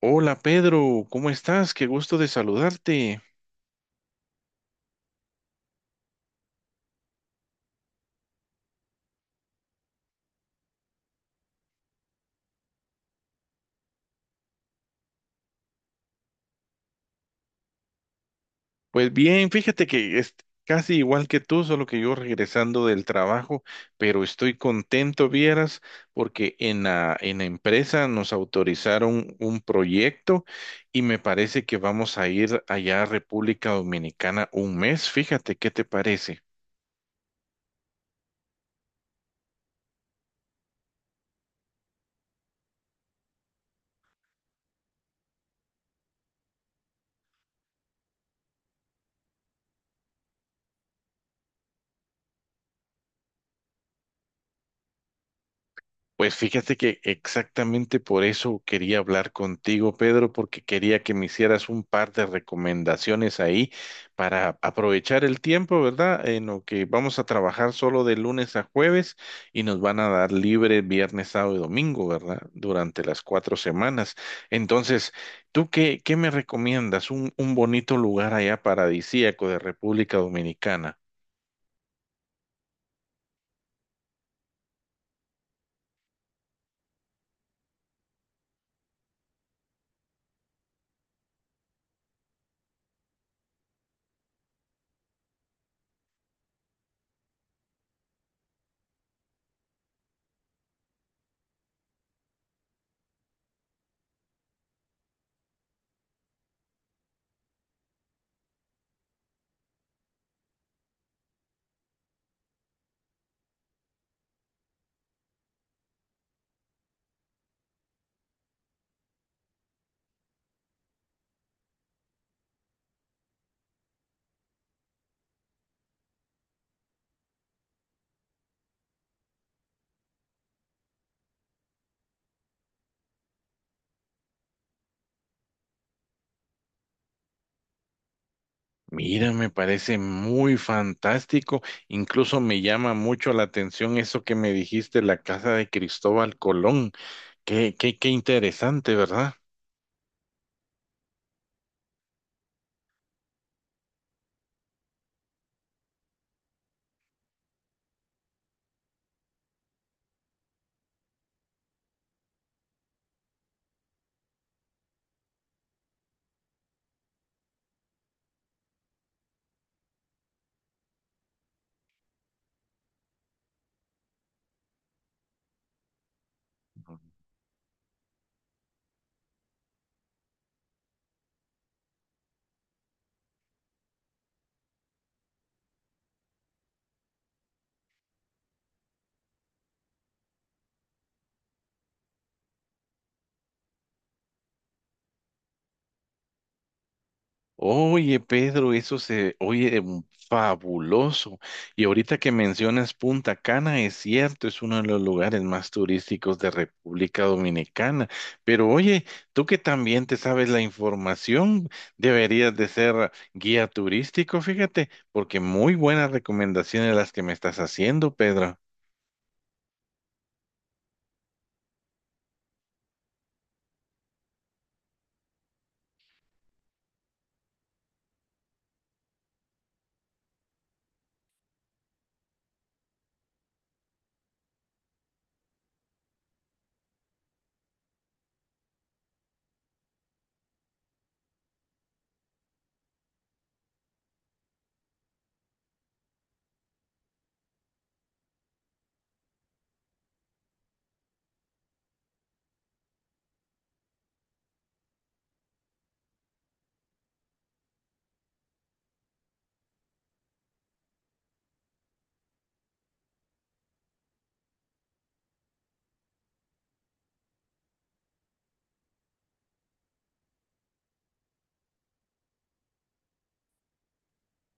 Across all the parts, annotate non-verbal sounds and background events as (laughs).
Hola Pedro, ¿cómo estás? Qué gusto de saludarte. Pues bien, fíjate que es casi igual que tú, solo que yo regresando del trabajo, pero estoy contento, vieras, porque en la empresa nos autorizaron un proyecto y me parece que vamos a ir allá a República Dominicana un mes. Fíjate, ¿qué te parece? Pues fíjate que exactamente por eso quería hablar contigo, Pedro, porque quería que me hicieras un par de recomendaciones ahí para aprovechar el tiempo, ¿verdad? En lo que vamos a trabajar solo de lunes a jueves y nos van a dar libre viernes, sábado y domingo, ¿verdad? Durante las cuatro semanas. Entonces, ¿tú qué me recomiendas? Un bonito lugar allá paradisíaco de República Dominicana. Mira, me parece muy fantástico. Incluso me llama mucho la atención eso que me dijiste, la casa de Cristóbal Colón. Qué interesante, ¿verdad? Oye, Pedro, eso se oye fabuloso. Y ahorita que mencionas Punta Cana, es cierto, es uno de los lugares más turísticos de República Dominicana. Pero oye, tú que también te sabes la información, deberías de ser guía turístico, fíjate, porque muy buenas recomendaciones las que me estás haciendo, Pedro.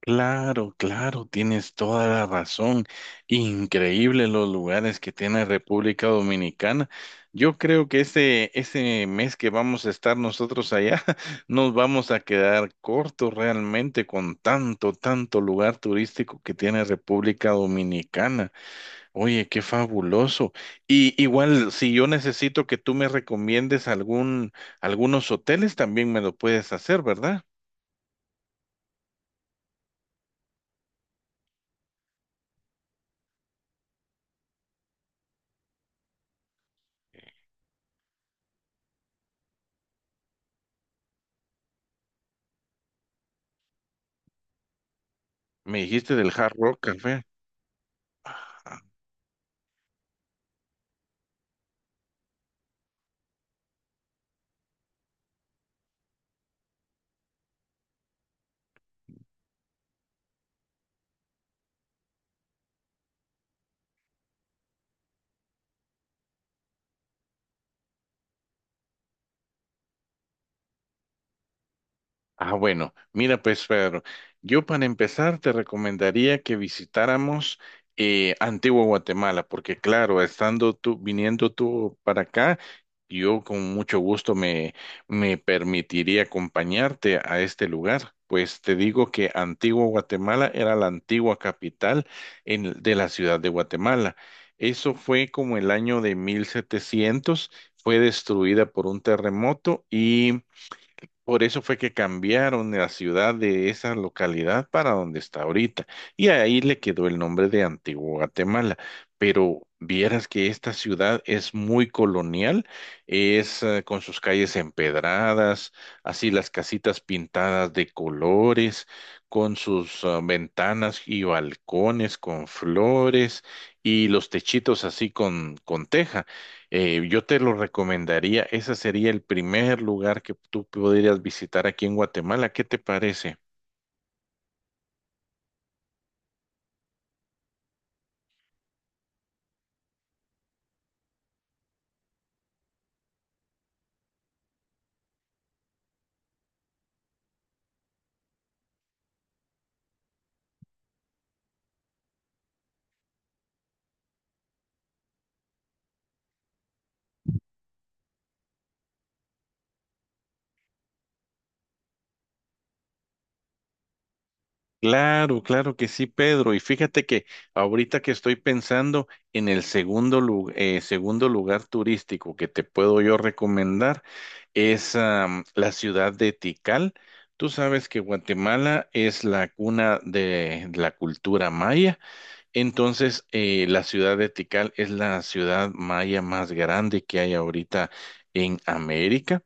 Claro, claro, tienes toda la razón. Increíble los lugares que tiene República Dominicana. Yo creo que ese mes que vamos a estar nosotros allá, (laughs) nos vamos a quedar cortos realmente con tanto lugar turístico que tiene República Dominicana. Oye, qué fabuloso. Y igual, si yo necesito que tú me recomiendes algún, algunos hoteles, también me lo puedes hacer, ¿verdad? Me dijiste del Hard Rock Café. Ah, bueno, mira pues Pedro, yo para empezar te recomendaría que visitáramos Antigua Guatemala, porque claro, estando tú, viniendo tú para acá, yo con mucho gusto me permitiría acompañarte a este lugar. Pues te digo que Antigua Guatemala era la antigua capital en- de la ciudad de Guatemala. Eso fue como el año de 1700, fue destruida por un terremoto, por eso fue que cambiaron la ciudad de esa localidad para donde está ahorita. Y ahí le quedó el nombre de Antigua Guatemala. Pero vieras que esta ciudad es muy colonial, es con sus calles empedradas, así las casitas pintadas de colores, con sus ventanas y balcones con flores y los techitos así con teja. Yo te lo recomendaría, ese sería el primer lugar que tú podrías visitar aquí en Guatemala. ¿Qué te parece? Claro, claro que sí, Pedro. Y fíjate que ahorita que estoy pensando en el segundo, segundo lugar turístico que te puedo yo recomendar es la ciudad de Tikal. Tú sabes que Guatemala es la cuna de la cultura maya. Entonces, la ciudad de Tikal es la ciudad maya más grande que hay ahorita en América.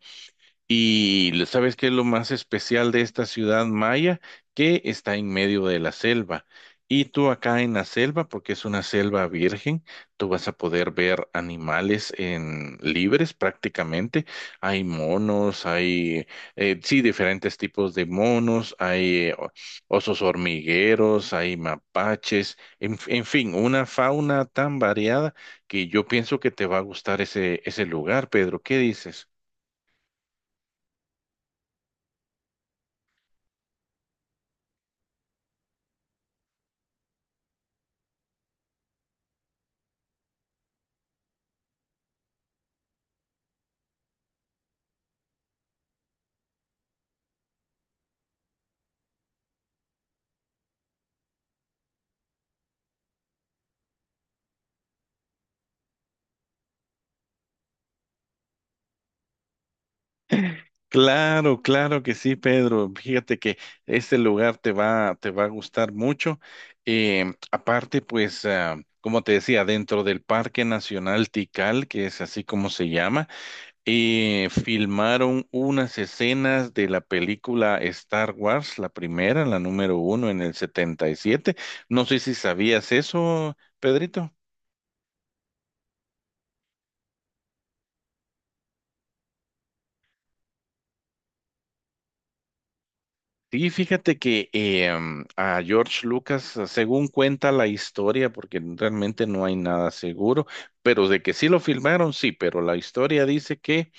Y ¿sabes qué es lo más especial de esta ciudad maya? Que está en medio de la selva. Y tú acá en la selva, porque es una selva virgen, tú vas a poder ver animales en libres prácticamente. Hay monos, hay sí diferentes tipos de monos, hay osos hormigueros, hay mapaches, en fin, una fauna tan variada que yo pienso que te va a gustar ese lugar, Pedro. ¿Qué dices? Claro, claro que sí, Pedro. Fíjate que este lugar te va a gustar mucho. Eh, Aparte, pues, como te decía, dentro del Parque Nacional Tikal, que es así como se llama, filmaron unas escenas de la película Star Wars, la primera, la número 1 en el 77. No sé si sabías eso, Pedrito. Sí, fíjate que a George Lucas, según cuenta la historia, porque realmente no hay nada seguro, pero de que sí lo filmaron, sí, pero la historia dice que,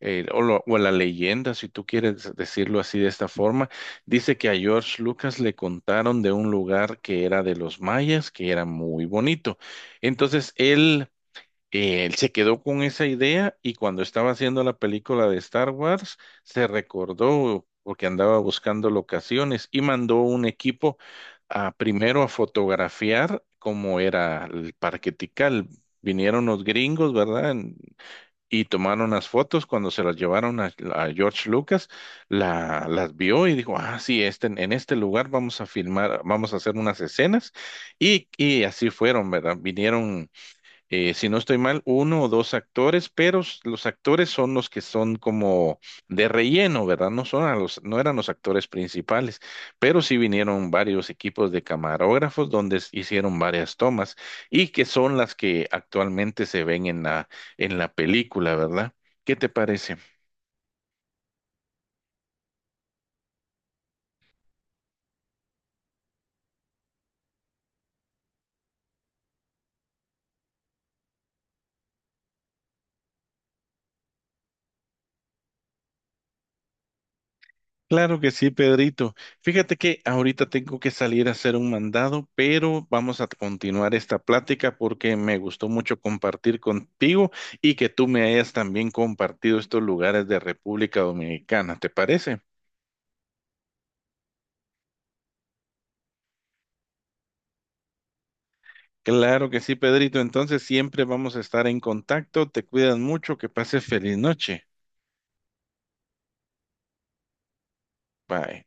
o la leyenda, si tú quieres decirlo así de esta forma, dice que a George Lucas le contaron de un lugar que era de los mayas, que era muy bonito. Entonces él se quedó con esa idea y cuando estaba haciendo la película de Star Wars, se recordó porque andaba buscando locaciones y mandó un equipo a primero a fotografiar cómo era el Parque Tikal. Vinieron los gringos, ¿verdad? En- Y tomaron las fotos cuando se las llevaron a George Lucas, las vio y dijo, ah, sí, este, en este lugar vamos a filmar, vamos a hacer unas escenas. Y así fueron, ¿verdad? Vinieron si no estoy mal, 1 o 2 actores, pero los actores son los que son como de relleno, ¿verdad? No son a los, no eran los actores principales, pero sí vinieron varios equipos de camarógrafos donde hicieron varias tomas y que son las que actualmente se ven en en la película, ¿verdad? ¿Qué te parece? Claro que sí, Pedrito. Fíjate que ahorita tengo que salir a hacer un mandado, pero vamos a continuar esta plática porque me gustó mucho compartir contigo y que tú me hayas también compartido estos lugares de República Dominicana, ¿te parece? Claro que sí, Pedrito. Entonces siempre vamos a estar en contacto. Te cuidas mucho, que pases feliz noche. Bye.